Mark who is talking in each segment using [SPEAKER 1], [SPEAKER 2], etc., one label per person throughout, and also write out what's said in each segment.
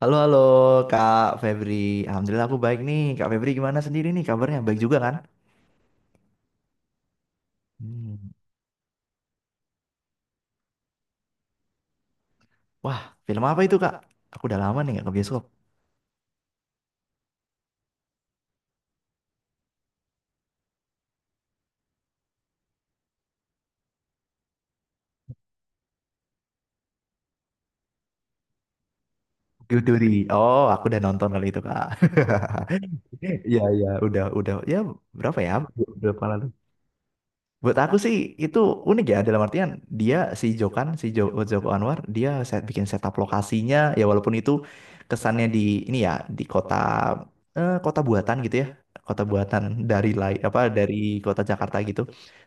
[SPEAKER 1] Halo, halo Kak Febri. Alhamdulillah aku baik nih. Kak Febri gimana sendiri nih kabarnya? Baik juga kan? Hmm. Wah, film apa itu Kak? Aku udah lama nih nggak ke bioskop. Biduri. Oh, aku udah nonton kali itu Kak. Iya, iya. Udah, udah. Ya? Berapa lalu? Buat aku sih itu unik ya, dalam artian dia si Jokan si Jo- Joko Anwar, dia set, bikin setup lokasinya ya, walaupun itu kesannya di ini ya, di kota, kota buatan gitu ya, kota buatan dari lai apa dari kota Jakarta gitu,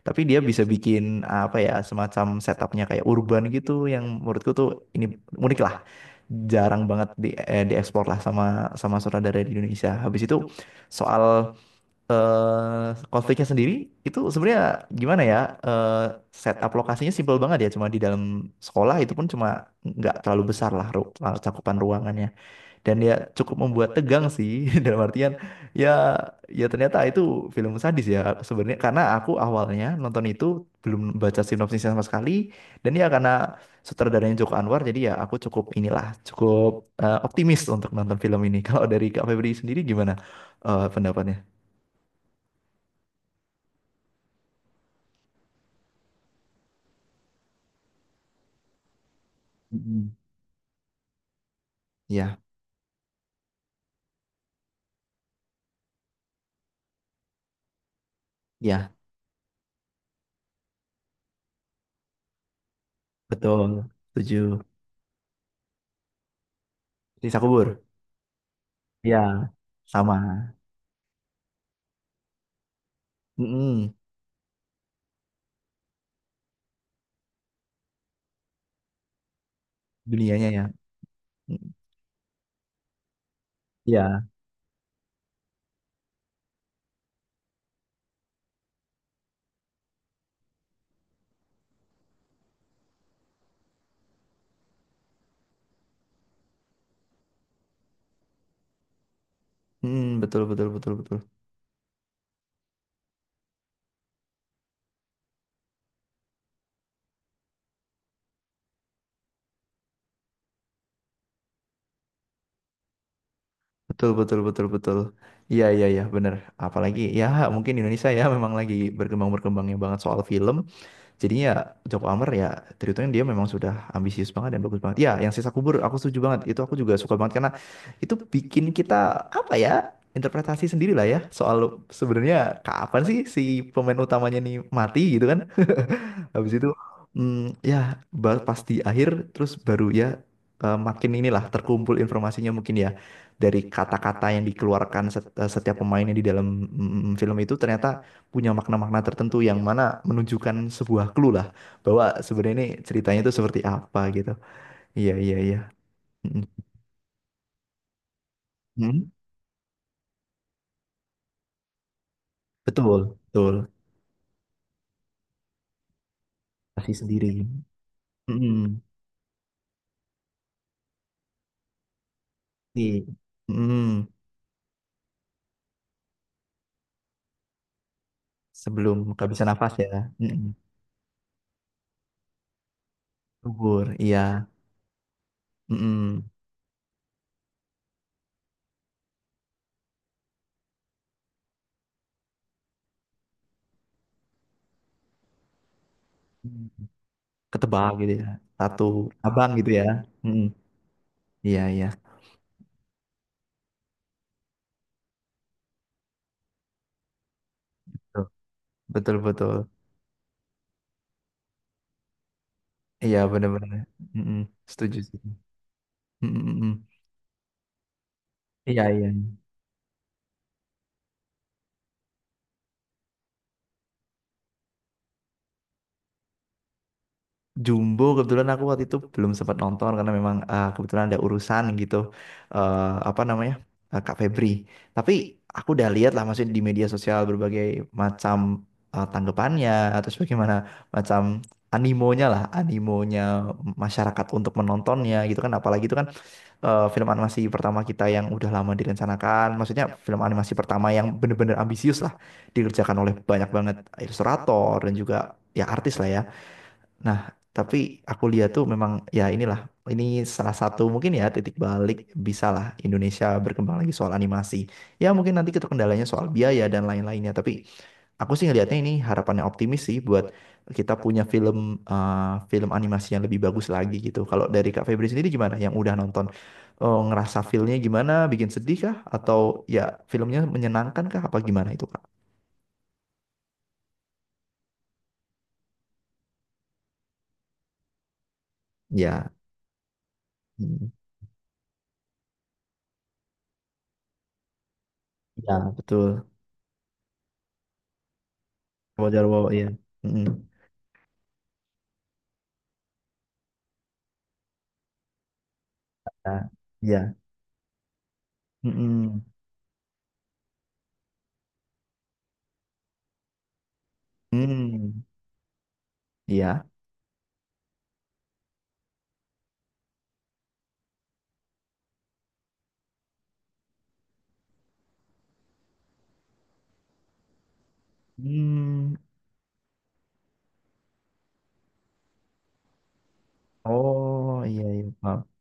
[SPEAKER 1] tapi dia bisa bikin apa ya semacam setupnya kayak urban gitu, yang menurutku tuh ini unik lah, jarang banget di dieksplor lah sama sama sutradara di Indonesia. Habis itu soal eh konfliknya sendiri itu sebenarnya gimana ya, eh setup lokasinya simple banget ya, cuma di dalam sekolah, itu pun cuma nggak terlalu besar lah cakupan ruangannya, dan ya cukup membuat tegang sih. Dalam artian ya, ya ternyata itu film sadis ya sebenarnya, karena aku awalnya nonton itu belum baca sinopsisnya sama sekali. Dan ya karena sutradaranya Joko Anwar, jadi ya aku cukup inilah, cukup optimis untuk nonton film ini. Kalau dari Kak Febri sendiri gimana pendapatnya? Iya, iya, betul. Setuju. Risa kubur. Iya, sama. Mm-mm. Dunianya ya. Mm. Iya. Mm, betul, betul, betul, betul. Betul, betul, betul, betul. Iya, iya, iya, bener. Apalagi ya mungkin Indonesia ya memang lagi berkembang-berkembangnya banget soal film. Jadinya ya Joko Anwar ya terhitungnya dia memang sudah ambisius banget dan bagus banget. Ya, yang sisa kubur aku setuju banget. Itu aku juga suka banget, karena itu bikin kita apa ya? Interpretasi sendiri lah ya, soal sebenarnya kapan sih si pemain utamanya nih mati gitu kan. Habis itu ya pas di akhir terus baru ya makin inilah terkumpul informasinya mungkin ya, dari kata-kata yang dikeluarkan setiap pemainnya di dalam film itu, ternyata punya makna-makna tertentu yang mana menunjukkan sebuah clue lah bahwa sebenarnya ini ceritanya itu seperti apa gitu. Iya iya iya. Mm-mm. mm Betul betul. Kasih sendiri. Mm-mm. Iya. Mm-mm. Sebelum kehabisan nafas ya. Mm-mm. Gugur. Iya. Mm-mm. Ketebak gitu ya. Satu abang gitu ya. Mm-mm. Iya iya. Betul betul. Betul. Iya benar-benar. Mm-mm. Setuju sih. Mm-mm. Iya iya, iya. Jumbo kebetulan aku waktu itu belum sempat nonton, karena memang kebetulan ada urusan gitu, eh, apa namanya Kak Febri. Tapi aku udah lihat lah, maksudnya di media sosial berbagai macam tanggapannya atau bagaimana macam animonya lah, animonya masyarakat untuk menontonnya gitu kan. Apalagi itu kan film animasi pertama kita yang udah lama direncanakan, maksudnya film animasi pertama yang bener-bener ambisius lah, dikerjakan oleh banyak banget ilustrator dan juga ya artis lah ya. Nah, tapi aku lihat tuh memang ya inilah, ini salah satu mungkin ya titik balik, bisalah Indonesia berkembang lagi soal animasi. Ya mungkin nanti itu kendalanya soal biaya dan lain-lainnya, tapi aku sih ngelihatnya ini harapannya optimis sih buat kita punya film eh, film animasi yang lebih bagus lagi gitu. Kalau dari Kak Febri sendiri gimana? Yang udah nonton ngerasa filmnya gimana? Bikin sedih kah? Atau ya filmnya menyenangkan kah? Apa gimana itu Kak? Ya, mm, ya betul. Wajar, wajar, ya. Mm. Nah, ya. Mm-mm. Hmm. Iya. Hmm. Oh, iya, iya, paham.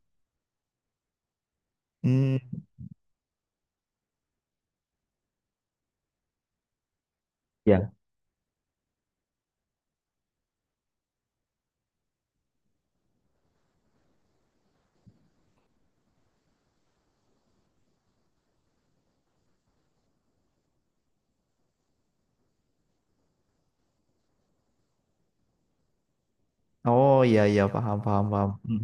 [SPEAKER 1] Hmm. Ya. Oh, iya, iya, paham, paham, paham. Hmm.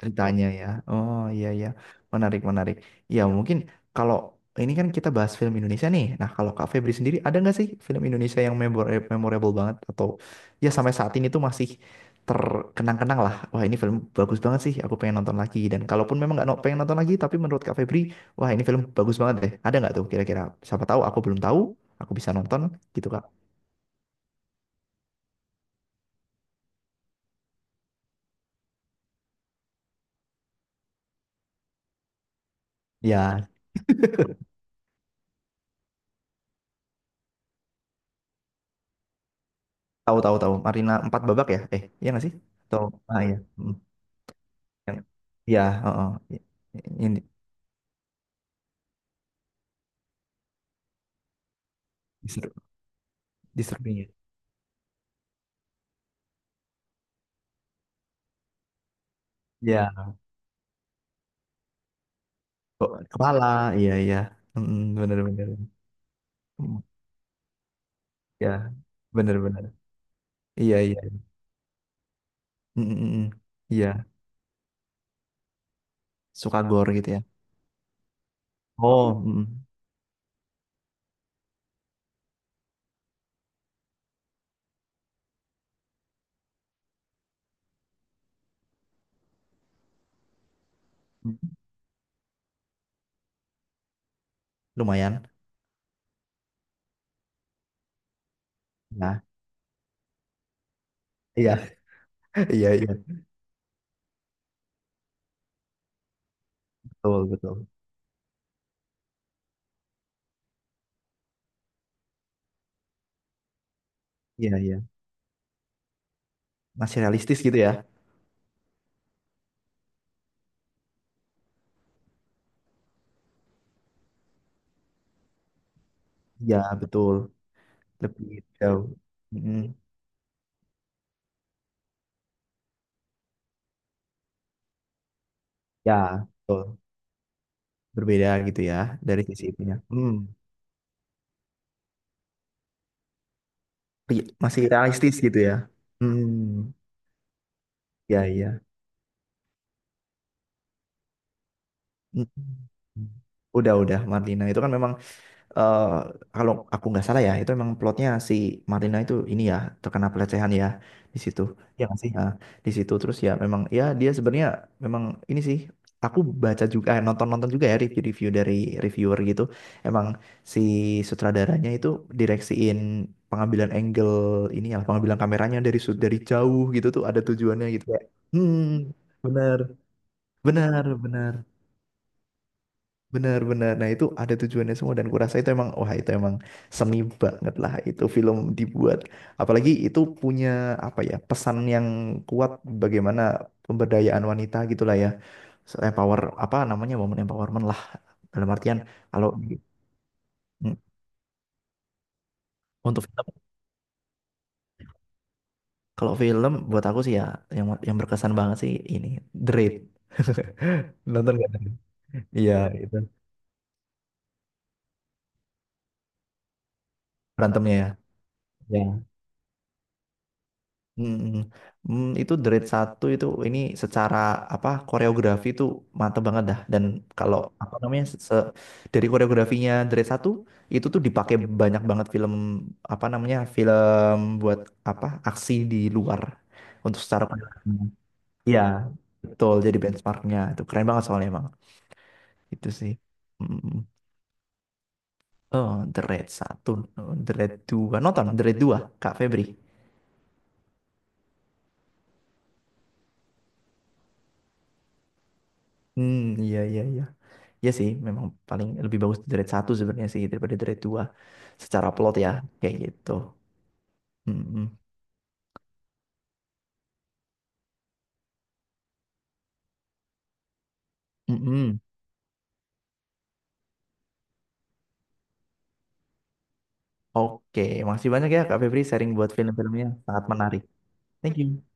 [SPEAKER 1] Ceritanya ya. Oh iya iya, menarik menarik. Ya mungkin kalau ini kan kita bahas film Indonesia nih. Nah kalau Kak Febri sendiri ada nggak sih film Indonesia yang memorable banget, atau ya sampai saat ini tuh masih terkenang-kenang lah. Wah ini film bagus banget sih, aku pengen nonton lagi. Dan kalaupun memang nggak pengen nonton lagi, tapi menurut Kak Febri, wah ini film bagus banget deh. Ada nggak tuh kira-kira? Siapa tahu aku belum tahu, aku bisa nonton gitu Kak. Ya tahu tahu tahu. Marina empat babak ya? Eh iya nggak sih? Tahu. Ah iya. Yang ya heeh yang di, diser- diserbunya ya. Ya, kok kepala, iya iya. Mm, bener bener. Mm, ya bener bener. Iya iya. Mm, mm, mm. Iya, suka gore gitu ya. Oh mm, mm. Lumayan, nah iya. Iya iya, betul betul, iya iya, masih realistis gitu ya. Iya betul, lebih jauh. Mm, mm. Ya betul, berbeda gitu ya, dari sisi itunya. Hmm. Ri- masih realistis gitu ya. Hmm, ya ya. Mm. Udah, udah. Marlina itu kan memang eh, kalau aku nggak salah ya, itu memang plotnya si Marlina itu ini ya, terkena pelecehan ya di situ. Ya nggak sih. Nah, di situ terus ya memang ya dia sebenarnya memang ini sih. Aku baca juga, nonton-nonton juga ya review-review dari reviewer gitu. Emang si sutradaranya itu direksiin pengambilan angle ini ya, pengambilan kameranya dari dari jauh gitu tuh ada tujuannya gitu ya. Hmm, benar, benar, benar. Benar-benar. Nah, itu ada tujuannya semua, dan kurasa itu emang wah itu emang seni banget lah itu film dibuat. Apalagi itu punya apa ya, pesan yang kuat bagaimana pemberdayaan wanita gitulah ya. So, empower apa namanya woman empowerment lah dalam artian kalau mm, untuk film, kalau film buat aku sih ya yang berkesan banget sih ini, The Raid. Nonton gak? Iya, itu berantemnya ya. Ya mm, mm, itu Dread satu itu ini secara apa koreografi itu mantep banget dah. Dan kalau apa namanya dari koreografinya Dread satu itu tuh dipakai banyak banget film apa namanya film buat apa aksi di luar untuk secara koreografi. Iya betul, jadi benchmarknya itu keren banget soalnya emang itu sih. Mm, mm. Oh Dread satu, Dread dua, nonton Dread dua Kak Febri? Hmm, iya iya iya. Iya sih, memang paling lebih bagus di Dread 1 sebenarnya sih daripada Dread 2 secara plot ya, kayak gitu. Mm-mm. Mm-mm. Oke, makasih banyak ya Kak Febri sharing buat film-filmnya. Sangat menarik. Thank you.